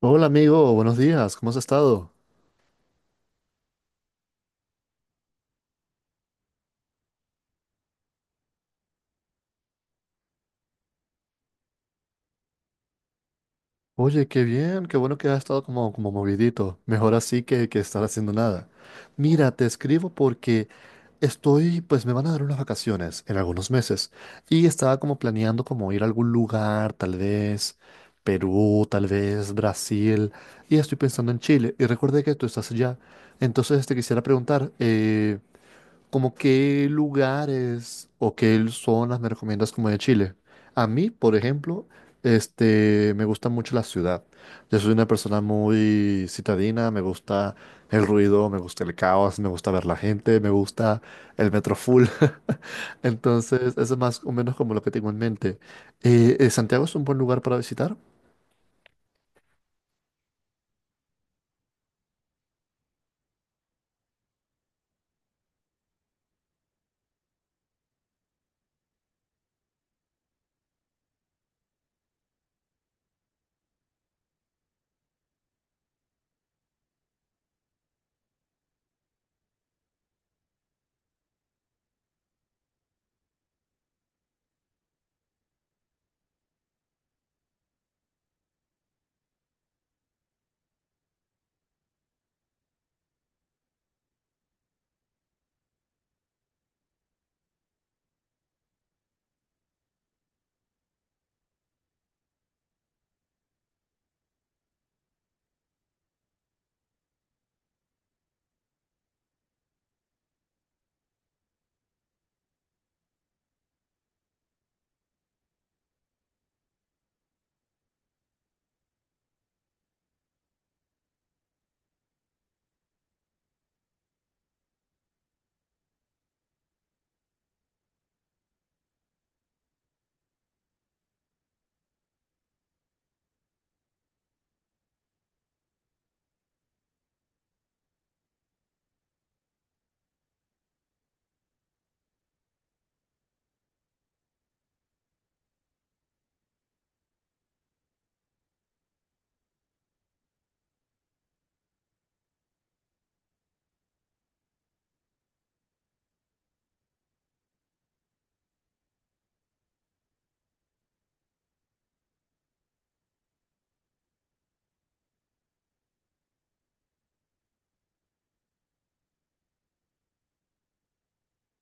Hola amigo, buenos días, ¿cómo has estado? Oye, qué bien, qué bueno que has estado como movidito, mejor así que estar haciendo nada. Mira, te escribo porque estoy, pues me van a dar unas vacaciones en algunos meses y estaba como planeando como ir a algún lugar, tal vez Perú, tal vez Brasil, y estoy pensando en Chile y recuerde que tú estás allá, entonces te quisiera preguntar, ¿como qué lugares o qué zonas me recomiendas como de Chile? A mí, por ejemplo, me gusta mucho la ciudad. Yo soy una persona muy citadina, me gusta el ruido, me gusta el caos, me gusta ver la gente, me gusta el metro full. Entonces, eso es más o menos como lo que tengo en mente. ¿Santiago es un buen lugar para visitar?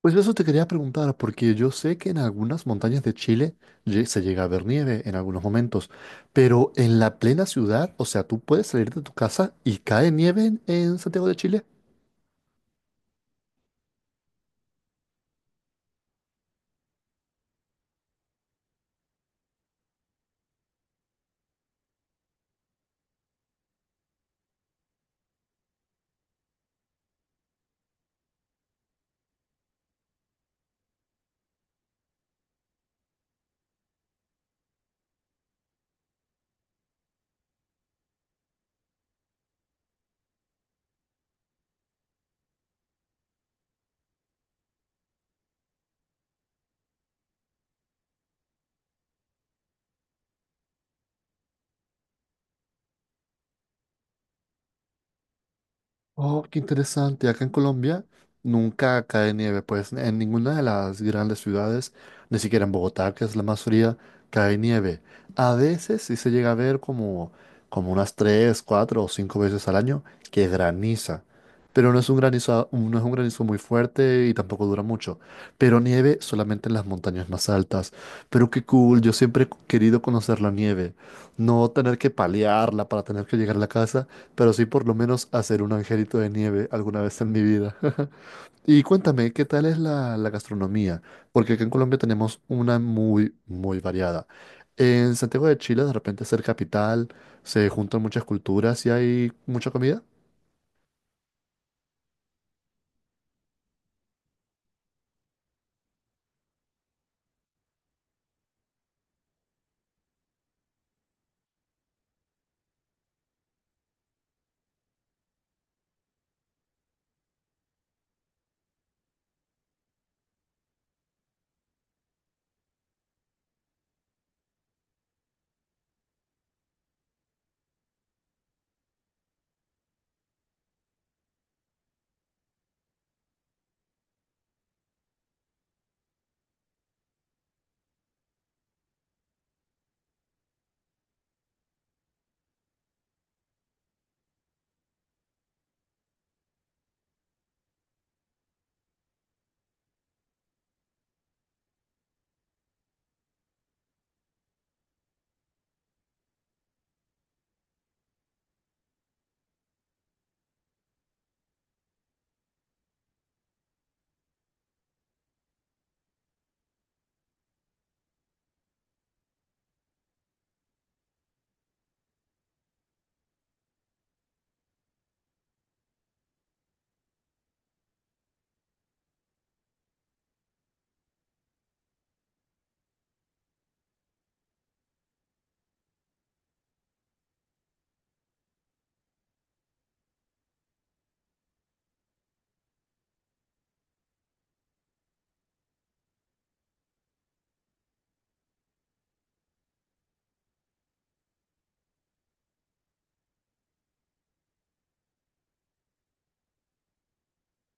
Pues eso te quería preguntar, porque yo sé que en algunas montañas de Chile se llega a ver nieve en algunos momentos, pero en la plena ciudad, o sea, tú puedes salir de tu casa y cae nieve en Santiago de Chile. Oh, qué interesante. Acá en Colombia nunca cae nieve, pues en ninguna de las grandes ciudades, ni siquiera en Bogotá, que es la más fría, cae nieve. A veces sí se llega a ver como, como unas tres, cuatro o cinco veces al año que graniza. Pero no es un granizo, no es un granizo muy fuerte y tampoco dura mucho. Pero nieve solamente en las montañas más altas. Pero qué cool, yo siempre he querido conocer la nieve. No tener que palearla para tener que llegar a la casa, pero sí por lo menos hacer un angelito de nieve alguna vez en mi vida. Y cuéntame, ¿qué tal es la gastronomía? Porque aquí en Colombia tenemos una muy, muy variada. En Santiago de Chile, de repente ser capital, se juntan muchas culturas y hay mucha comida.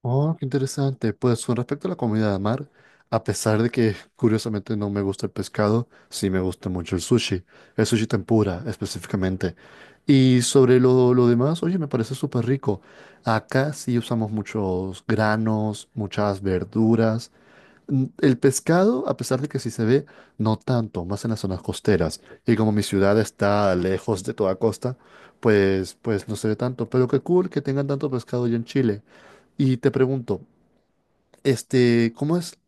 Oh, qué interesante. Pues con respecto a la comida de mar, a pesar de que curiosamente no me gusta el pescado, sí me gusta mucho el sushi tempura específicamente. Y sobre lo demás, oye, me parece súper rico. Acá sí usamos muchos granos, muchas verduras. El pescado, a pesar de que sí se ve, no tanto, más en las zonas costeras. Y como mi ciudad está lejos de toda costa, pues, pues no se ve tanto. Pero qué cool que tengan tanto pescado allá en Chile. Y te pregunto, ¿cómo es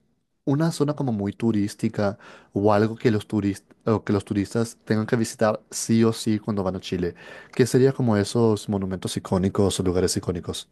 una zona como muy turística o algo que los turistas o que los turistas tengan que visitar sí o sí cuando van a Chile? ¿Qué sería como esos monumentos icónicos o lugares icónicos?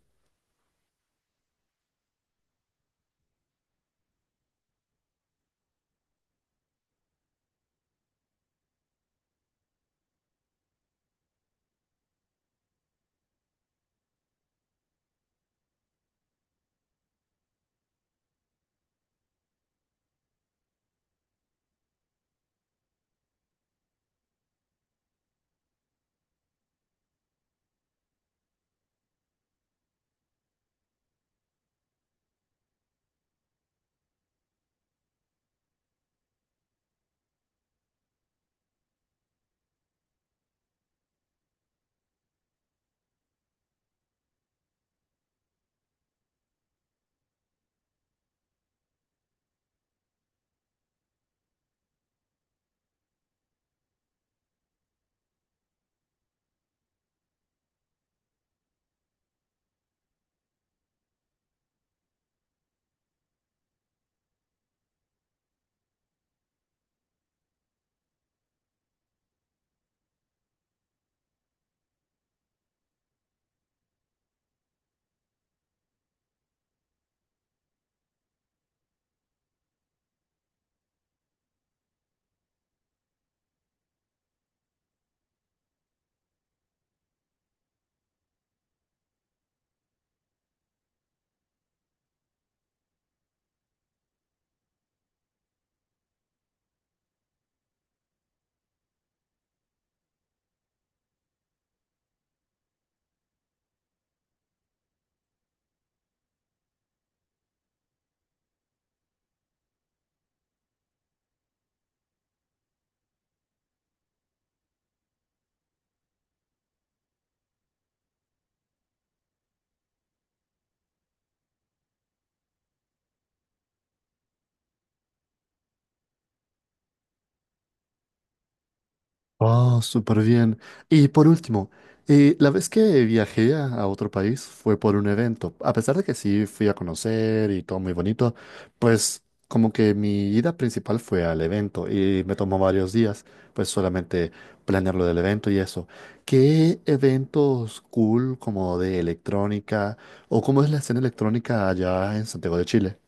Oh, súper bien. Y por último, la vez que viajé a otro país fue por un evento. A pesar de que sí fui a conocer y todo muy bonito, pues como que mi ida principal fue al evento y me tomó varios días, pues solamente planear lo del evento y eso. ¿Qué eventos cool como de electrónica o cómo es la escena electrónica allá en Santiago de Chile?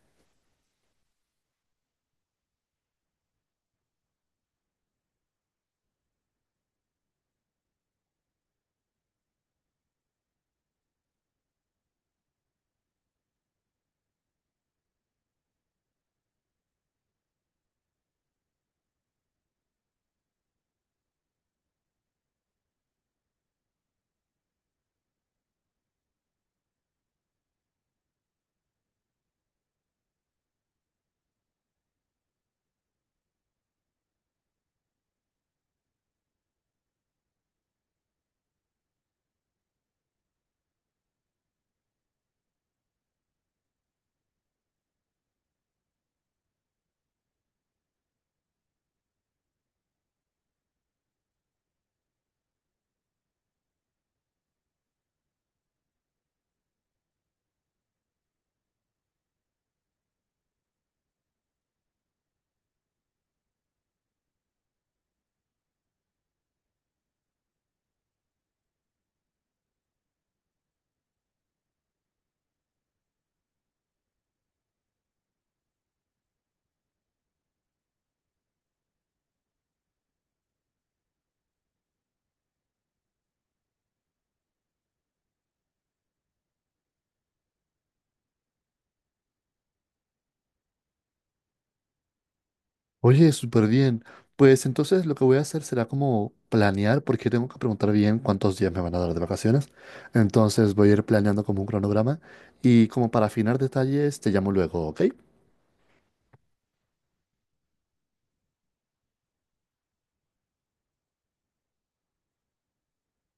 Oye, súper bien. Pues entonces lo que voy a hacer será como planear, porque tengo que preguntar bien cuántos días me van a dar de vacaciones. Entonces voy a ir planeando como un cronograma y como para afinar detalles te llamo luego, ¿ok?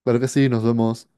Claro que sí, nos vemos.